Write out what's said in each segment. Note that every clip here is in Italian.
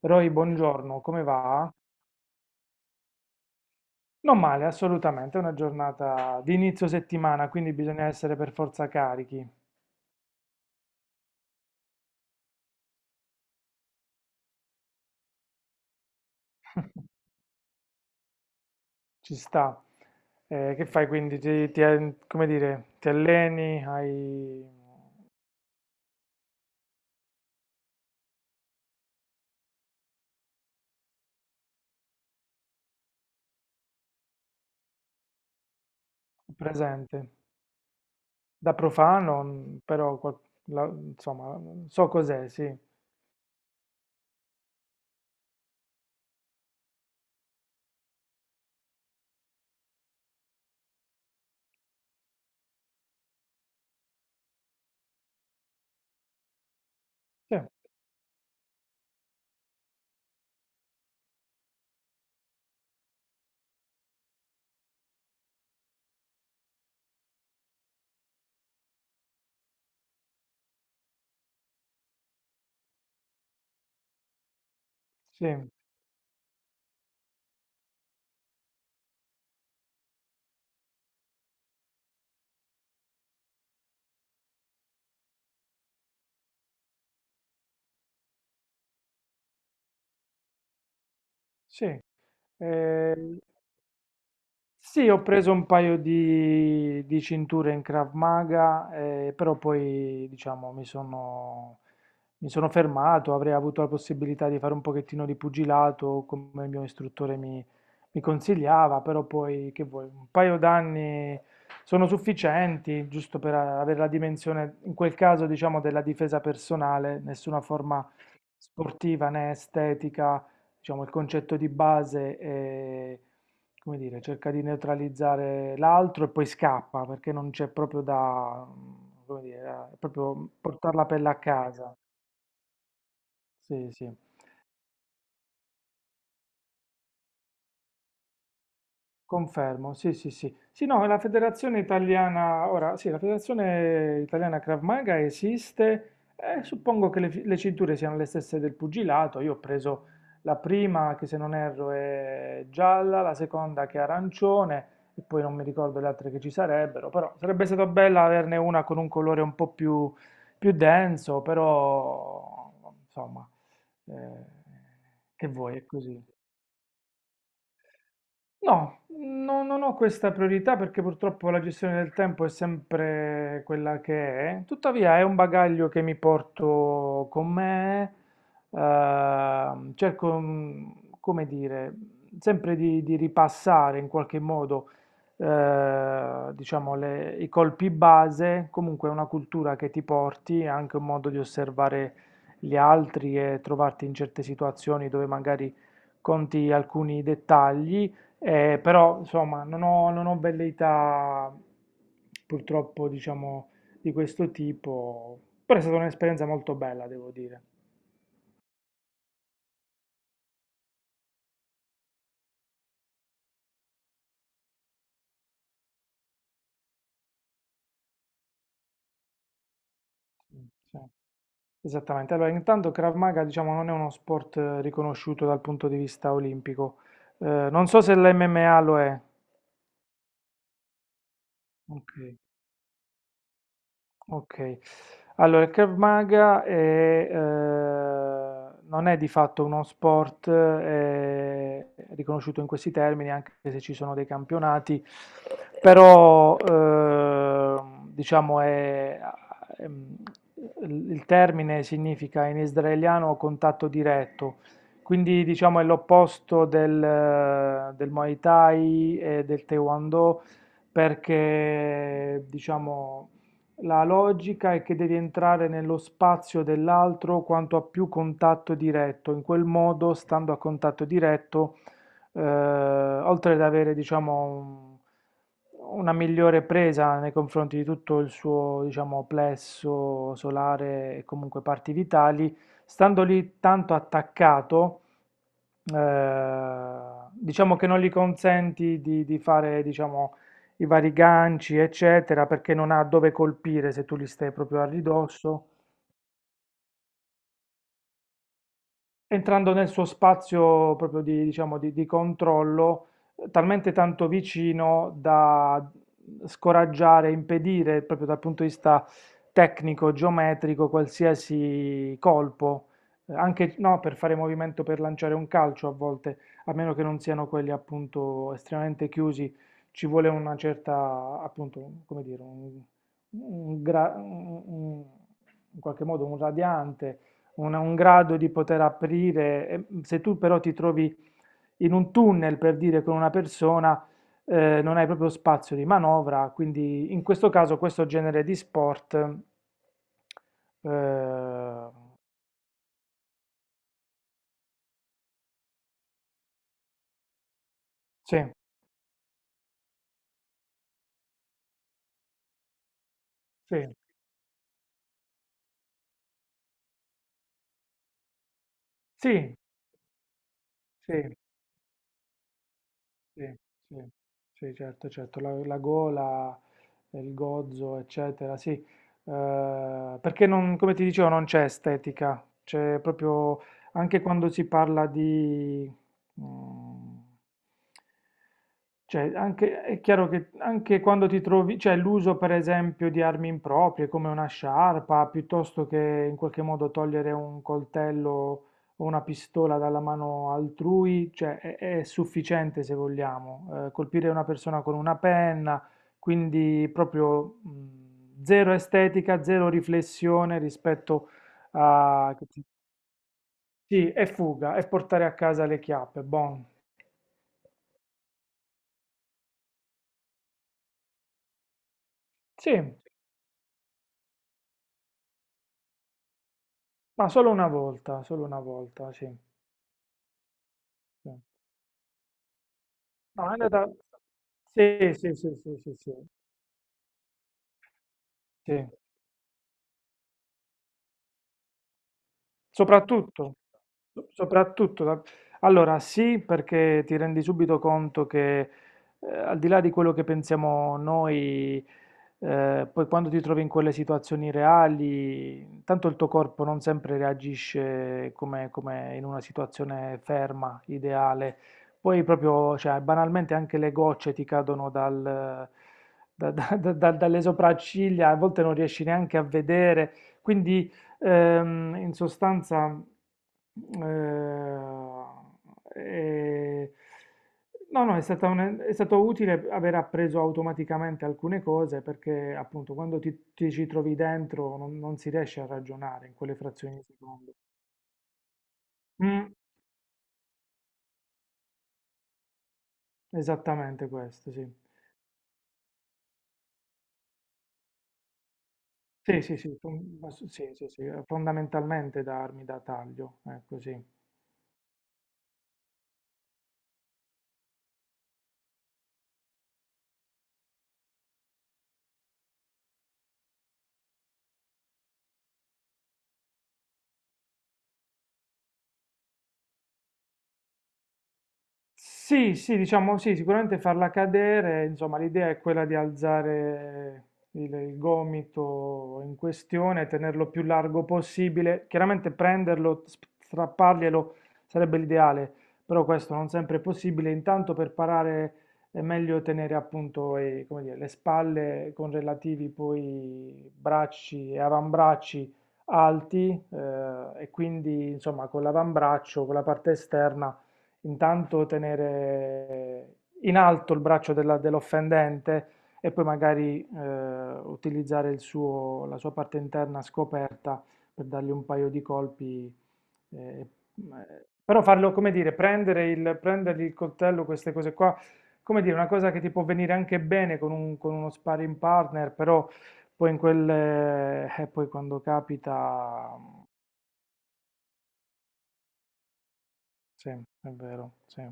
Roy, buongiorno, come va? Non male, assolutamente, è una giornata di inizio settimana, quindi bisogna essere per forza carichi, ci sta. Che fai quindi? Come dire, ti alleni, hai presente? Da profano, mm, però insomma, so cos'è, sì. Sì, sì, sì. Eh, sì, ho preso un paio di cinture in Krav Maga, però poi diciamo mi sono fermato, avrei avuto la possibilità di fare un pochettino di pugilato come il mio istruttore mi consigliava, però poi che vuoi, un paio d'anni sono sufficienti giusto per avere la dimensione, in quel caso diciamo della difesa personale, nessuna forma sportiva né estetica, diciamo il concetto di base. Come dire, cerca di neutralizzare l'altro e poi scappa perché non c'è proprio da, mm, come dire, è proprio portare la pelle a casa. Sì, sì. Confermo, sì, sì, sì. Sì, no, la Federazione Italiana, ora, sì, la Federazione Italiana Krav Maga esiste, suppongo che le cinture siano le stesse del pugilato. Io ho preso la prima che, se non erro, è gialla, la seconda che è arancione, e poi non mi ricordo le altre che ci sarebbero, però sarebbe stato bello averne una con un colore un po' più, più denso. Però insomma, eh, che vuoi, è così. No, non ho questa priorità, perché purtroppo la gestione del tempo è sempre quella che è. Tuttavia è un bagaglio che mi porto con me. Cerco, mm, come dire, sempre di ripassare in qualche modo, diciamo, i colpi base. Comunque è una cultura che ti porti, è anche un modo di osservare gli altri e trovarti in certe situazioni dove magari conti alcuni dettagli. Però insomma non ho velleità, purtroppo, diciamo, di questo tipo, però è stata un'esperienza molto bella, devo dire. Mm. Sì. Esattamente, allora intanto Krav Maga, diciamo, non è uno sport, riconosciuto dal punto di vista olimpico. Non so se l'MMA lo è. Ok. Ok, allora il Krav Maga è, non è di fatto uno sport, è riconosciuto in questi termini, anche se ci sono dei campionati, però diciamo è, ehm, il termine significa in israeliano contatto diretto, quindi diciamo è l'opposto del Muay Thai e del Taekwondo, perché diciamo la logica è che devi entrare nello spazio dell'altro quanto a più contatto diretto. In quel modo, stando a contatto diretto, oltre ad avere, diciamo, una migliore presa nei confronti di tutto il suo, diciamo, plesso solare e comunque parti vitali, stando lì tanto attaccato, diciamo che non gli consenti di fare, diciamo, i vari ganci, eccetera, perché non ha dove colpire se tu gli stai proprio a ridosso. Entrando nel suo spazio proprio di, diciamo, di controllo, talmente tanto vicino da scoraggiare, impedire proprio dal punto di vista tecnico, geometrico, qualsiasi colpo. Eh, anche no, per fare movimento per lanciare un calcio a volte, a meno che non siano quelli appunto estremamente chiusi, ci vuole una certa, appunto, come dire, un, un gra- un- un- in qualche modo un radiante, un grado di poter aprire. E, mm, se tu però ti trovi in un tunnel, per dire, con una persona, non hai proprio spazio di manovra, quindi in questo caso questo genere di sport, eh, sì, sì, sì, sì. Sì, sì, sì, certo, certo, la gola, il gozzo, eccetera, sì. Perché non, come ti dicevo, non c'è estetica, c'è proprio, anche quando si parla di, mm, cioè, anche, è chiaro che anche quando ti trovi, cioè l'uso per esempio di armi improprie come una sciarpa, piuttosto che in qualche modo togliere un coltello o una pistola dalla mano altrui, cioè è sufficiente, se vogliamo, colpire una persona con una penna, quindi proprio zero estetica, zero riflessione rispetto a... Sì, è fuga, è portare a casa le chiappe, buon. Sì, ma solo una volta, sì. Sì. No, è andata... Sì, sì, sì, sì, sì, sì. Sì. Soprattutto, soprattutto, allora sì, perché ti rendi subito conto che al di là di quello che pensiamo noi, poi quando ti trovi in quelle situazioni reali, tanto il tuo corpo non sempre reagisce come, come in una situazione ferma, ideale. Poi proprio, cioè, banalmente anche le gocce ti cadono dalle sopracciglia, a volte non riesci neanche a vedere, quindi... in sostanza, eh, eh, no, no, è stata è stato utile aver appreso automaticamente alcune cose, perché appunto quando ti ci trovi dentro non, non si riesce a ragionare in quelle frazioni di secondo. Mm, esattamente questo, sì. Sì, sì, sì, fon- sì, sì, sì, fondamentalmente da armi da taglio, ecco sì. Sì, sì, diciamo sì, sicuramente farla cadere, insomma, l'idea è quella di alzare il gomito in questione, tenerlo più largo possibile. Chiaramente prenderlo, strapparglielo sarebbe l'ideale, però questo non sempre è possibile. Intanto per parare è meglio tenere, appunto, come dire, le spalle con relativi poi bracci e avambracci alti, e quindi insomma con l'avambraccio, con la parte esterna, intanto tenere in alto il braccio dell'offendente, e poi magari utilizzare la sua parte interna scoperta per dargli un paio di colpi. Eh, però farlo, come dire, prendere prendergli il coltello, queste cose qua, come dire, una cosa che ti può venire anche bene con, con uno sparring partner, però poi in quelle, poi quando capita, sì, è vero, sì.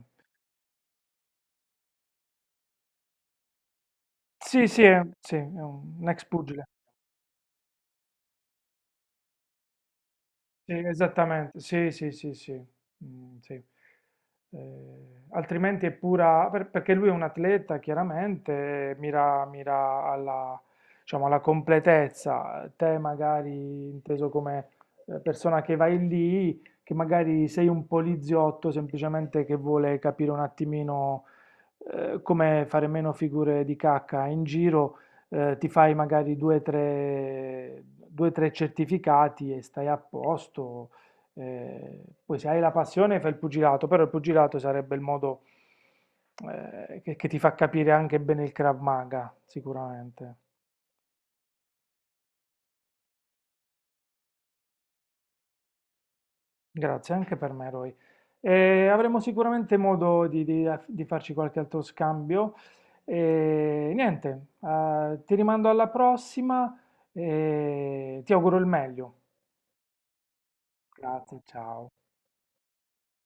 Sì, sì, è un ex pugile. Sì, esattamente, sì, sì, sì, sì. Mm, sì. Altrimenti è pura, perché lui è un atleta, chiaramente, mira, mira alla, diciamo, alla completezza. Te magari, inteso come persona che vai lì, che magari sei un poliziotto semplicemente che vuole capire un attimino, come fare meno figure di cacca in giro, ti fai magari due, tre certificati e stai a posto. Eh, poi se hai la passione fai il pugilato, però il pugilato sarebbe il modo che ti fa capire anche bene il Krav Maga, sicuramente. Grazie anche per me, Roy. Avremo sicuramente modo di farci qualche altro scambio. E niente, ti rimando alla prossima e ti auguro il meglio. Grazie, ciao.